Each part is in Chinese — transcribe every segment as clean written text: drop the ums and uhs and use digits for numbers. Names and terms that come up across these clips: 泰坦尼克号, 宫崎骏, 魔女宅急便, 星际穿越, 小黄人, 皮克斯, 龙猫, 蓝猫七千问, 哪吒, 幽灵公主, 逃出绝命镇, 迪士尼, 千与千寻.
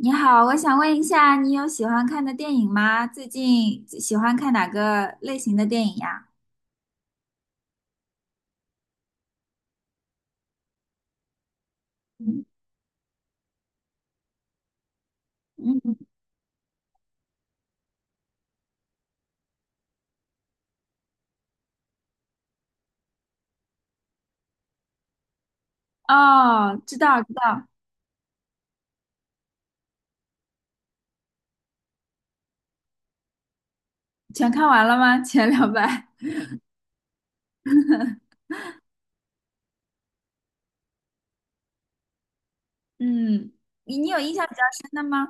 你好，我想问一下，你有喜欢看的电影吗？最近喜欢看哪个类型的电影呀？嗯，嗯哦，知道知道，全看完了吗？前两版。嗯，你有印象比较深的吗？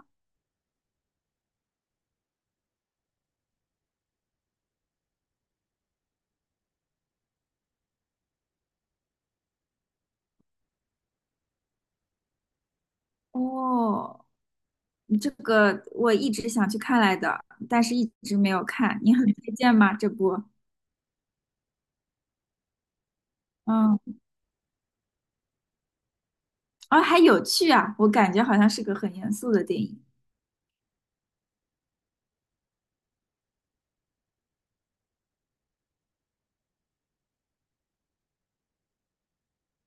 哦，你这个我一直想去看来的，但是一直没有看。你很推荐吗？这部？嗯，哦，还有趣啊，我感觉好像是个很严肃的电影，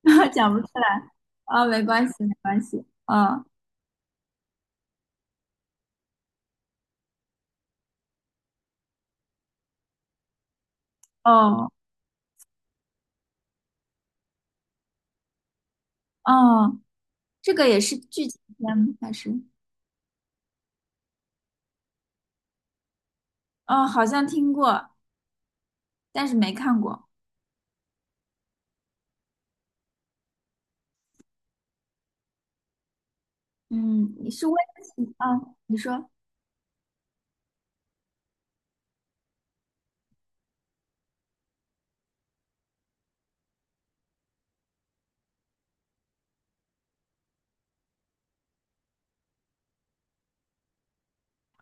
讲不出来。哦，没关系，没关系。嗯，哦。哦，这个也是剧情片吗？还是？哦，好像听过，但是没看过。嗯，你是为了啊？你说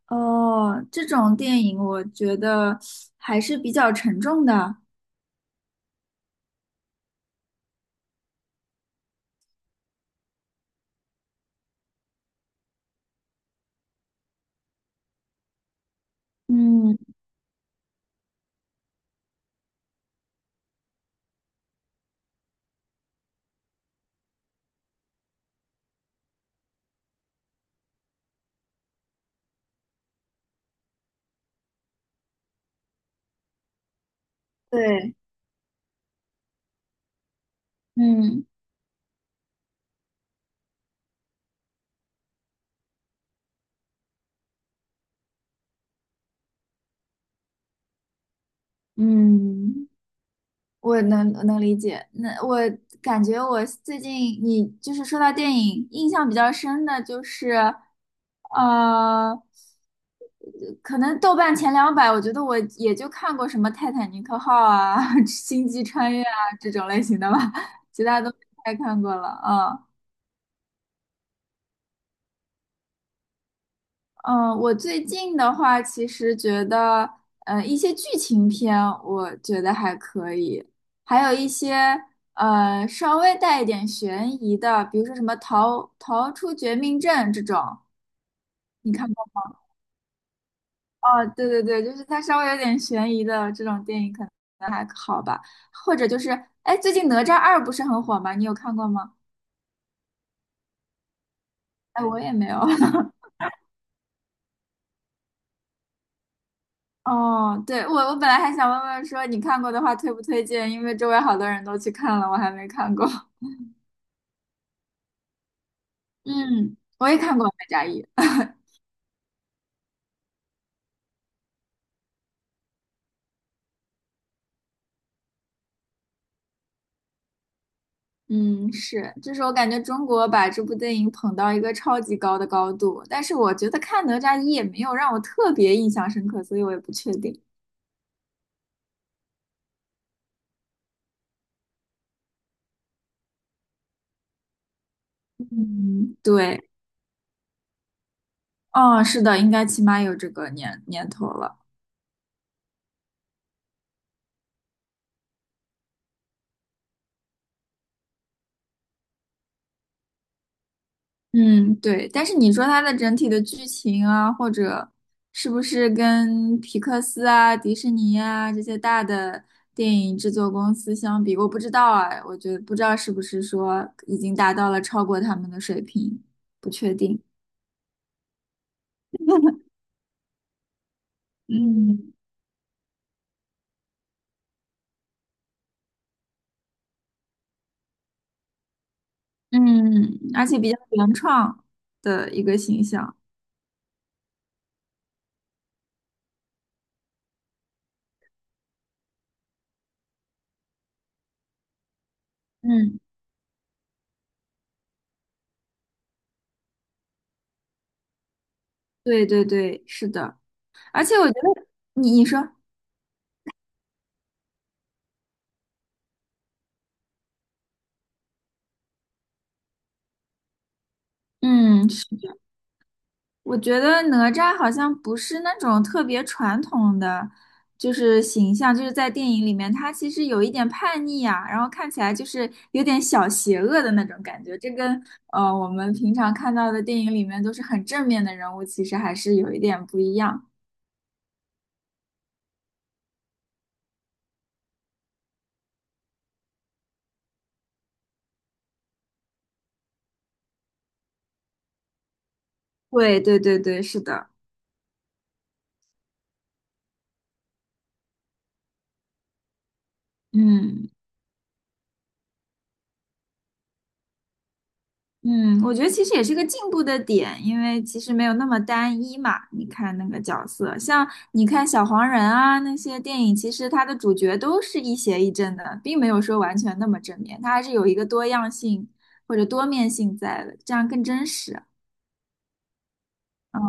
哦，这种电影我觉得还是比较沉重的。嗯，对，嗯嗯。我能理解，那我感觉我最近你就是说到电影，印象比较深的就是，呃，可能豆瓣前200，我觉得我也就看过什么《泰坦尼克号》啊、《星际穿越》啊这种类型的吧，其他都没太看过了。嗯，嗯，我最近的话，其实觉得，一些剧情片我觉得还可以，还有一些稍微带一点悬疑的，比如说什么逃出绝命镇这种，你看过？哦，对对对，就是它稍微有点悬疑的这种电影可能好吧，或者就是，哎，最近哪吒二不是很火吗？你有看过吗？哎，我也没有。哦，对，我本来还想问问说你看过的话推不推荐，因为周围好多人都去看了，我还没看过。嗯，我也看过《哪吒一》，嗯，是，就是我感觉中国把这部电影捧到一个超级高的高度，但是我觉得看《哪吒一》也没有让我特别印象深刻，所以我也不确定。嗯，对，哦，是的，应该起码有这个年头了。嗯，对，但是你说它的整体的剧情啊，或者是不是跟皮克斯啊、迪士尼啊这些大的电影制作公司相比，我不知道啊，我觉得不知道是不是说已经达到了超过他们的水平，不确定。嗯，嗯，而且比较原创的一个形象。嗯，对对对，是的，而且我觉得你说，嗯。我觉得哪吒好像不是那种特别传统的，就是形象，就是在电影里面，他其实有一点叛逆啊，然后看起来就是有点小邪恶的那种感觉。这跟我们平常看到的电影里面都是很正面的人物，其实还是有一点不一样。对对对对，是的，嗯。嗯，我觉得其实也是个进步的点，因为其实没有那么单一嘛。你看那个角色，像你看小黄人啊那些电影，其实它的主角都是一邪一正的，并没有说完全那么正面，它还是有一个多样性或者多面性在的，这样更真实。嗯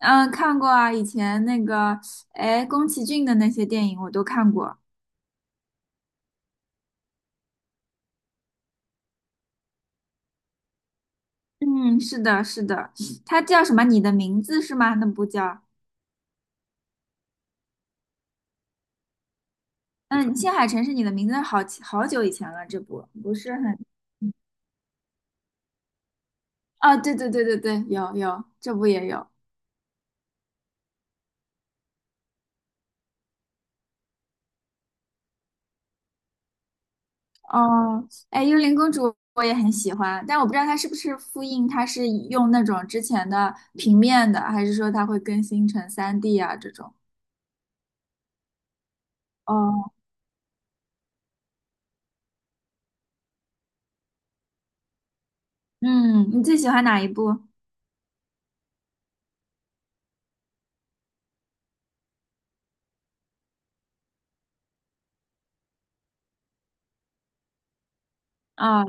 嗯，看过啊，以前那个哎宫崎骏的那些电影我都看过。嗯，是的，是的，它叫什么？你的名字是吗？那部叫。嗯，《青海城市你的名字》好久以前了，这部不是很啊，对对对对对，有，这部也有哦。哎，幽灵公主我也很喜欢，但我不知道它是不是复印，它是用那种之前的平面的，还是说它会更新成 3D 啊这种？哦，嗯，你最喜欢哪一部啊？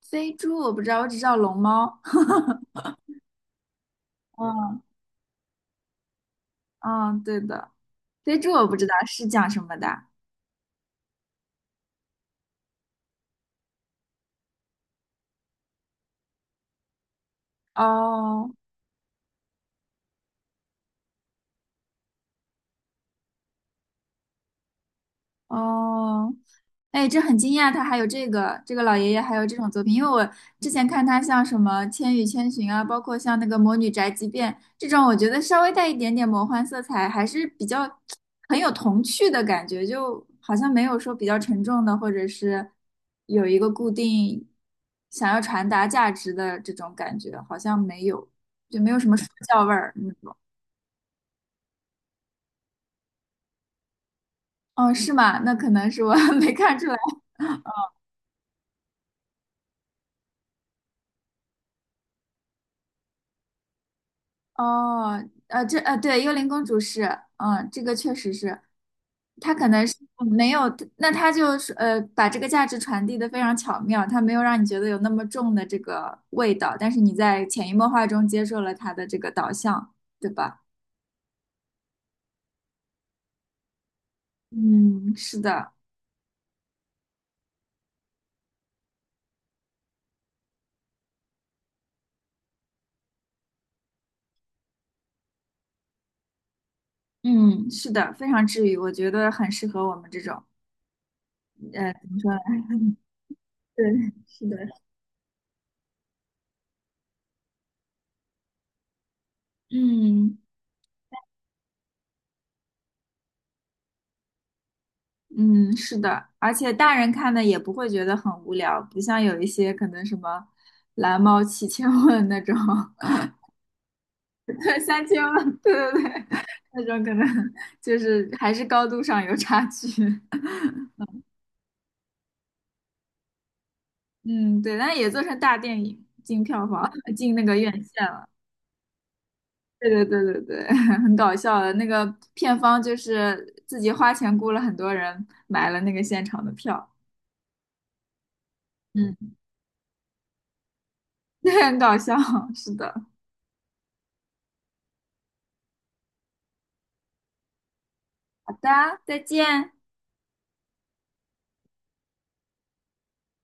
飞猪我不知道，我只知道龙猫。嗯嗯，对的，飞猪我不知道是讲什么的。哦，哦，哎，这很惊讶，他还有这个老爷爷还有这种作品，因为我之前看他像什么《千与千寻》啊，包括像那个《魔女宅急便》这种，我觉得稍微带一点点魔幻色彩，还是比较很有童趣的感觉，就好像没有说比较沉重的，或者是有一个固定想要传达价值的这种感觉，好像没有，就没有什么说教味儿那种。哦，是吗？那可能是我 没看出来。哦，这对，幽灵公主是，嗯，这个确实是，她可能是没有，那她就是把这个价值传递的非常巧妙，她没有让你觉得有那么重的这个味道，但是你在潜移默化中接受了她的这个导向，对吧？嗯，是的，嗯，是的，非常治愈，我觉得很适合我们这种，怎么说呢？对，是的，嗯。嗯，是的，而且大人看的也不会觉得很无聊，不像有一些可能什么蓝猫7000问那种，对3000问，对对对，那种可能就是还是高度上有差距。嗯，对，但也做成大电影，进票房，进那个院线了。对对对对对，很搞笑的。那个片方就是自己花钱雇了很多人买了那个现场的票，嗯，很搞笑。是的，好的，再见。